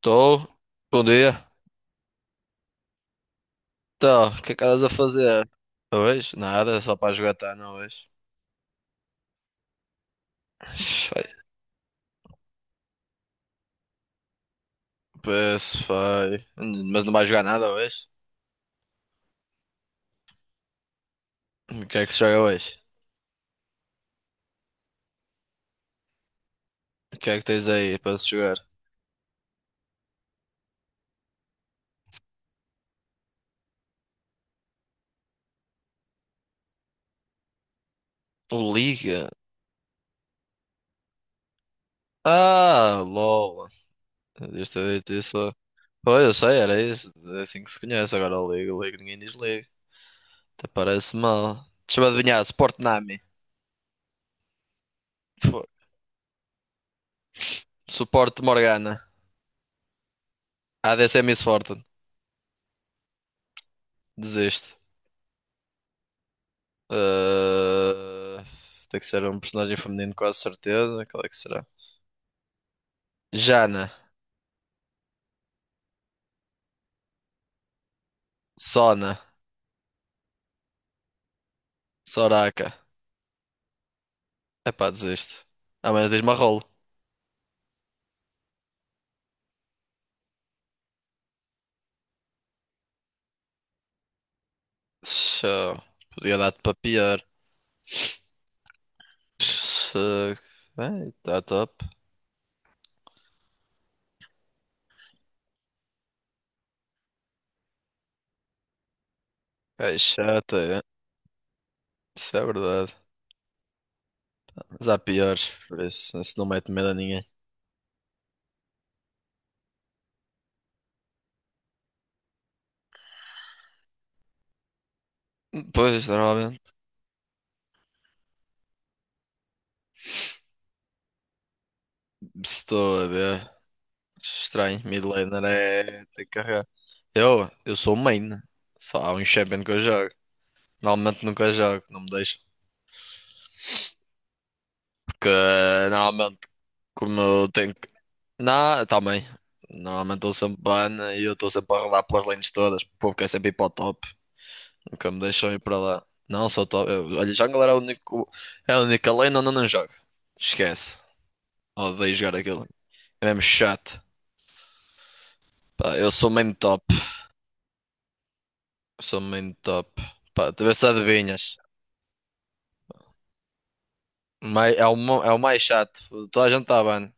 Tô. Bom dia. Então, o que é que andas a fazer hoje? Nada, só para jogar Tana hoje. Foi. Pois foi. Mas não vais jogar nada hoje? O que é que se joga hoje? O que é que tens aí para se jogar? O Liga? Ah, LOL. Devias ter dito isso. Foi, eu sei, era isso. É assim que se conhece agora o Liga. O Liga ninguém diz Liga. Até parece mal. Deixa-me adivinhar. Suporte Nami. Fo- Suporte Morgana. ADC Miss Fortune. Desiste. Ah, tem que ser um personagem feminino, quase certeza. Qual é que será? Jana, Sona, Soraka. Epá, desisto. Ah, mas diz-me a rolo. Show. Podia dar-te para pior. Show. Bem, tá top. É chata, é. Isso é verdade. Mas há piores, por isso, isso não mete medo a ninguém. Pois, normalmente. Se Estou a ver. Estranho, mid laner é. Tem que carregar. Eu sou main. Só há um champion que eu jogo. Normalmente nunca jogo, não me deixo. Porque normalmente, como eu tenho que. Não, também. Normalmente estou sempre ban e eu estou sempre a rolar pelas lanes todas. Porque é sempre ir para o top. Nunca me deixam ir para lá. Não, sou top. Eu, olha, jungle era o único, é a única lane onde eu não jogo. Esquece. Odeio jogar aquilo. É mesmo chato. Pá, eu sou main top. Sou main top. Pá, tu vê se adivinhas. Mai- é o, mo- é o mais chato. Toda a gente está ban.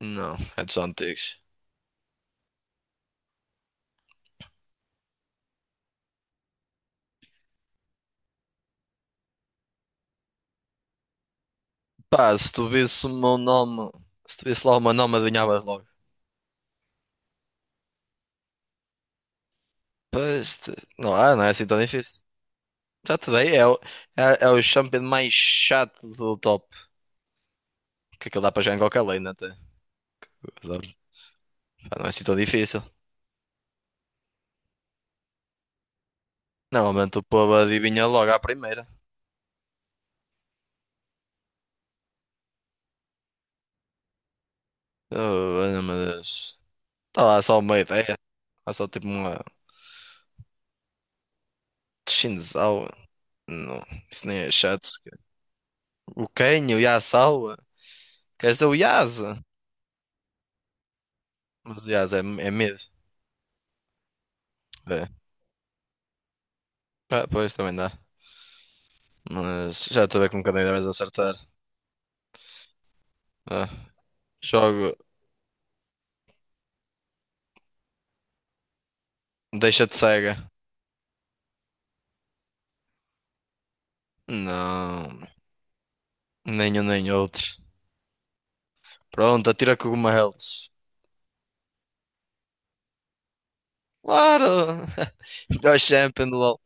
Não, é dos antigos. Pá, se tu visse o meu nome, se tu visse lá o meu nome, adivinhavas logo. Pois, te- não há, não é assim tão difícil. Já te dei, é o, é, é o champion mais chato do top. Que aquilo dá para jogar em qualquer lane até. Pá, não é assim tão difícil. Normalmente o povo adivinha logo à primeira. Oh, olha, meu Deus. Está lá só uma ideia. Há só tipo uma Shinzal. Não, isso nem é chato. Sequer. O Ken, o Yasawa. Queres dizer o Yasa? Mas o Yasa é, é medo. É. Ah, pois, também dá. Mas já estou a ver com quem deves acertar. Ah, jogo Deixa-te Cega. Não, nenhum nem outro. Pronto, atira cogumelos. Claro! Melhor champion do LoL.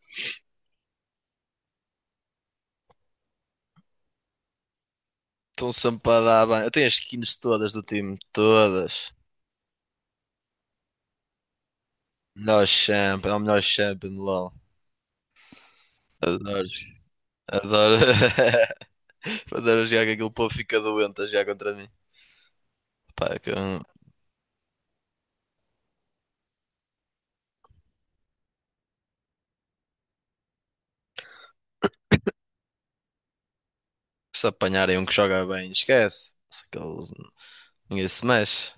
Estão sempre para dar bem. Eu tenho as skins todas do time, todas. Melhor champion, é o melhor champion do LoL. Adoro. Adoro. Adoro jogar que aquele povo fica doente a jogar contra mim. Pá, é que, se apanharem um que joga bem, esquece. Se Aqueles, ninguém se mexe.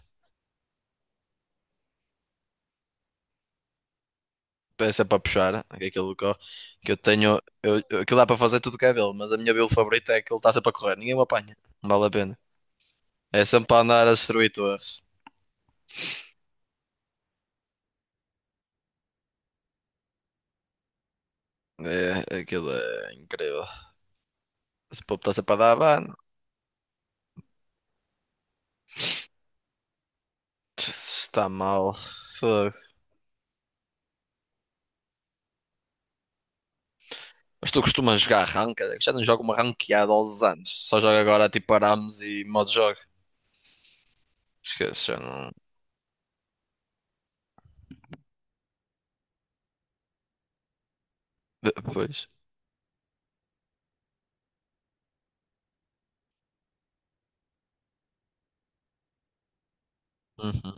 Peça para puxar, aquele do Có, que eu tenho. Eu- aquilo dá para fazer tudo que é dele, mas a minha build favorita é que ele está sempre a correr, ninguém o apanha. Não vale a pena. É sempre para andar a destruir torres. É, aquilo é incrível. Esse povo está sempre a dar ban. Está mal. Fogo. Mas tu costumas jogar ranked? Já não jogo uma ranqueada há 11 anos. Só jogo agora tipo Arames e modo jogo. Esquece, já não. Pois. Uhum.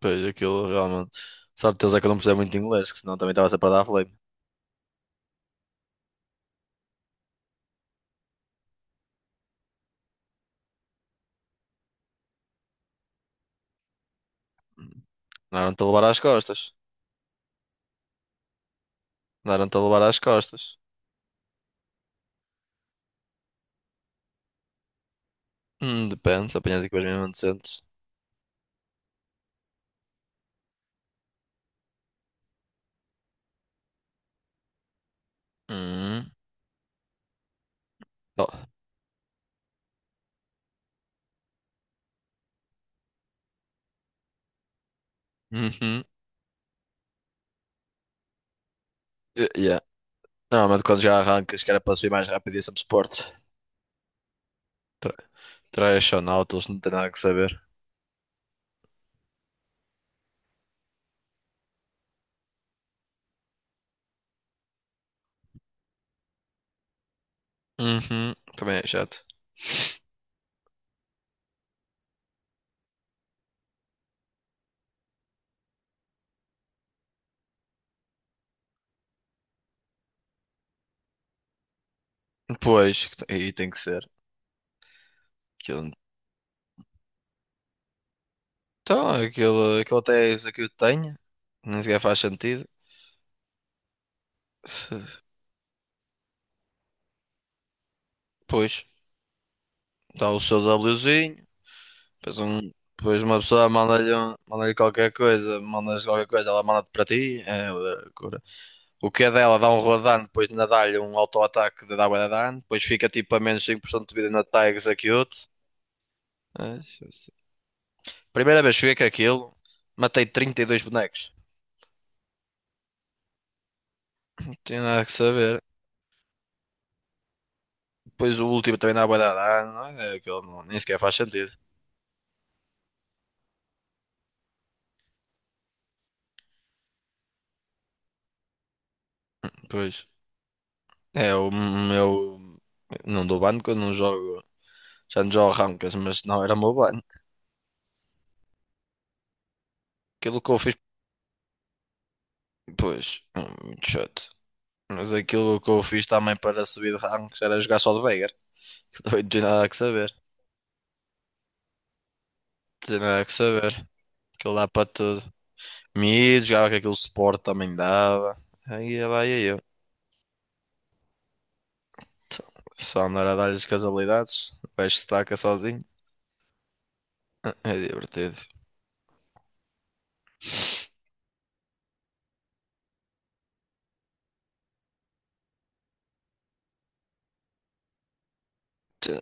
Pois, aquilo realmente. Sorte deles é que eu não precisei muito de inglês, que senão também estava sempre a dar flame. Não eram-te a levar às costas. Andaram-te a levar às costas. Depende, se apanhas equipas mesmo decentes. Hum. Oh. Uhum. Yeah. Normalmente quando já arrancas, que era para subir mais rápido e é sempre suporte. Tra- Trashonautas, não tem nada que saber. Uhum. Também é chato. Depois, que te- aí tem que ser. Aquilo, então, aquilo, aquilo até é isso que eu tenho. Nem sequer faz sentido. Se- Pois, dá o seu Wzinho. Depois, depois uma pessoa manda-lhe um- manda-lhe qualquer coisa, mandas qualquer coisa, ela manda-te para ti. É loucura. O que é dela dá um rodano, depois ainda dá-lhe um auto-ataque de dar bué de dano, depois fica tipo a menos 5% de vida na tag execute. Ai, Jesus. Primeira vez que joguei com aquilo, matei 32 bonecos. Não tinha nada que saber. Depois o último também dá bué de dano, é, É, aquilo não- nem sequer faz sentido. Pois. É o meu. Não dou ban quando não jogo. Já não jogo rankings, mas não era o meu ban. Aquilo que eu fiz. Pois, muito chato. Mas aquilo que eu fiz também para subir de ranks era jogar só de Veigar. Que também não tinha nada a que saber. Não tinha nada a que saber. Aquilo dá para tudo. Mid, jogava que aquele suporte também dava. Aí ia lá ia eu. Então, só andar a dar-lhes com as habilidades. O gajo se taca sozinho. Ah, é divertido. Então,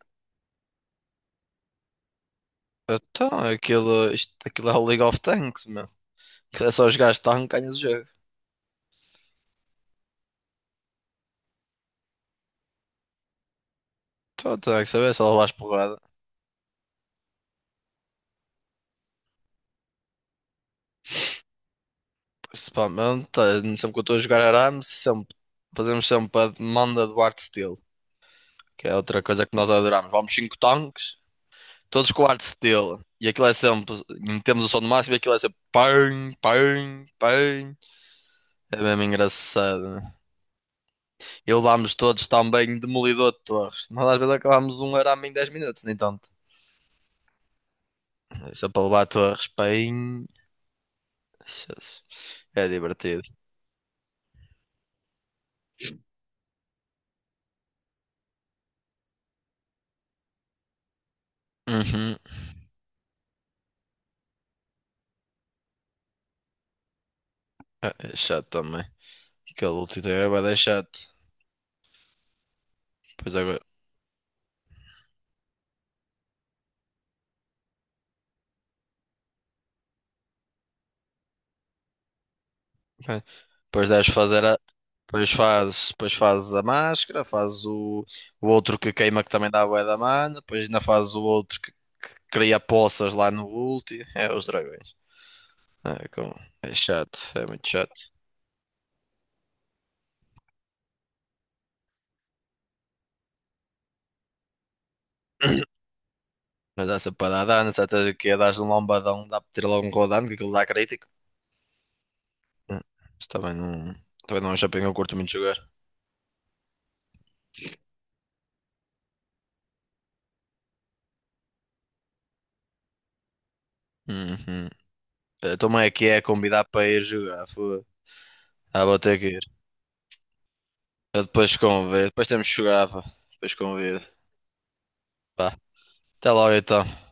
então, aquilo, isto, aquilo é o League of Tanks, meu. Aquilo é só jogar tanque, ganhas o jogo. Então, não tinha nada a saber, só levas porrada. Principalmente, sempre que eu estou a jogar Arames, sempre, fazemos sempre a demanda do Art Steel, que é outra coisa que nós adoramos. Vamos 5 tanques, todos com Art Steel. E aquilo é sempre, metemos o som no máximo e aquilo é sempre pão, pão, pão. É mesmo engraçado. E levámos todos também demolidor de torres. Nós às vezes acabámos um arame em 10 minutos, nem tanto. Isso é para levar torres, pão. Jesus. É divertido. Uhum. É é chato também. Aquele último é bué de chato. Pois agora. Ok. Depois deves fazer a. Depois fazes a máscara, fazes o outro que queima que também dá bué da mana, depois ainda fazes o outro que cria poças lá no ulti. É os dragões. É, com- é chato, é muito chato. Mas dá sempre para dar dano, se estás aqui a dar um lombadão, dá para ter logo um rodando, que aquilo dá crítico. Hum. Isso também não é um shopping que eu curto muito jogar. Uhum. Eu também aqui é convidar para ir jogar, foda. Ah, vou ter que ir. Eu depois convido. Depois temos que jogar, pá. Depois convido. Pá. Até logo então.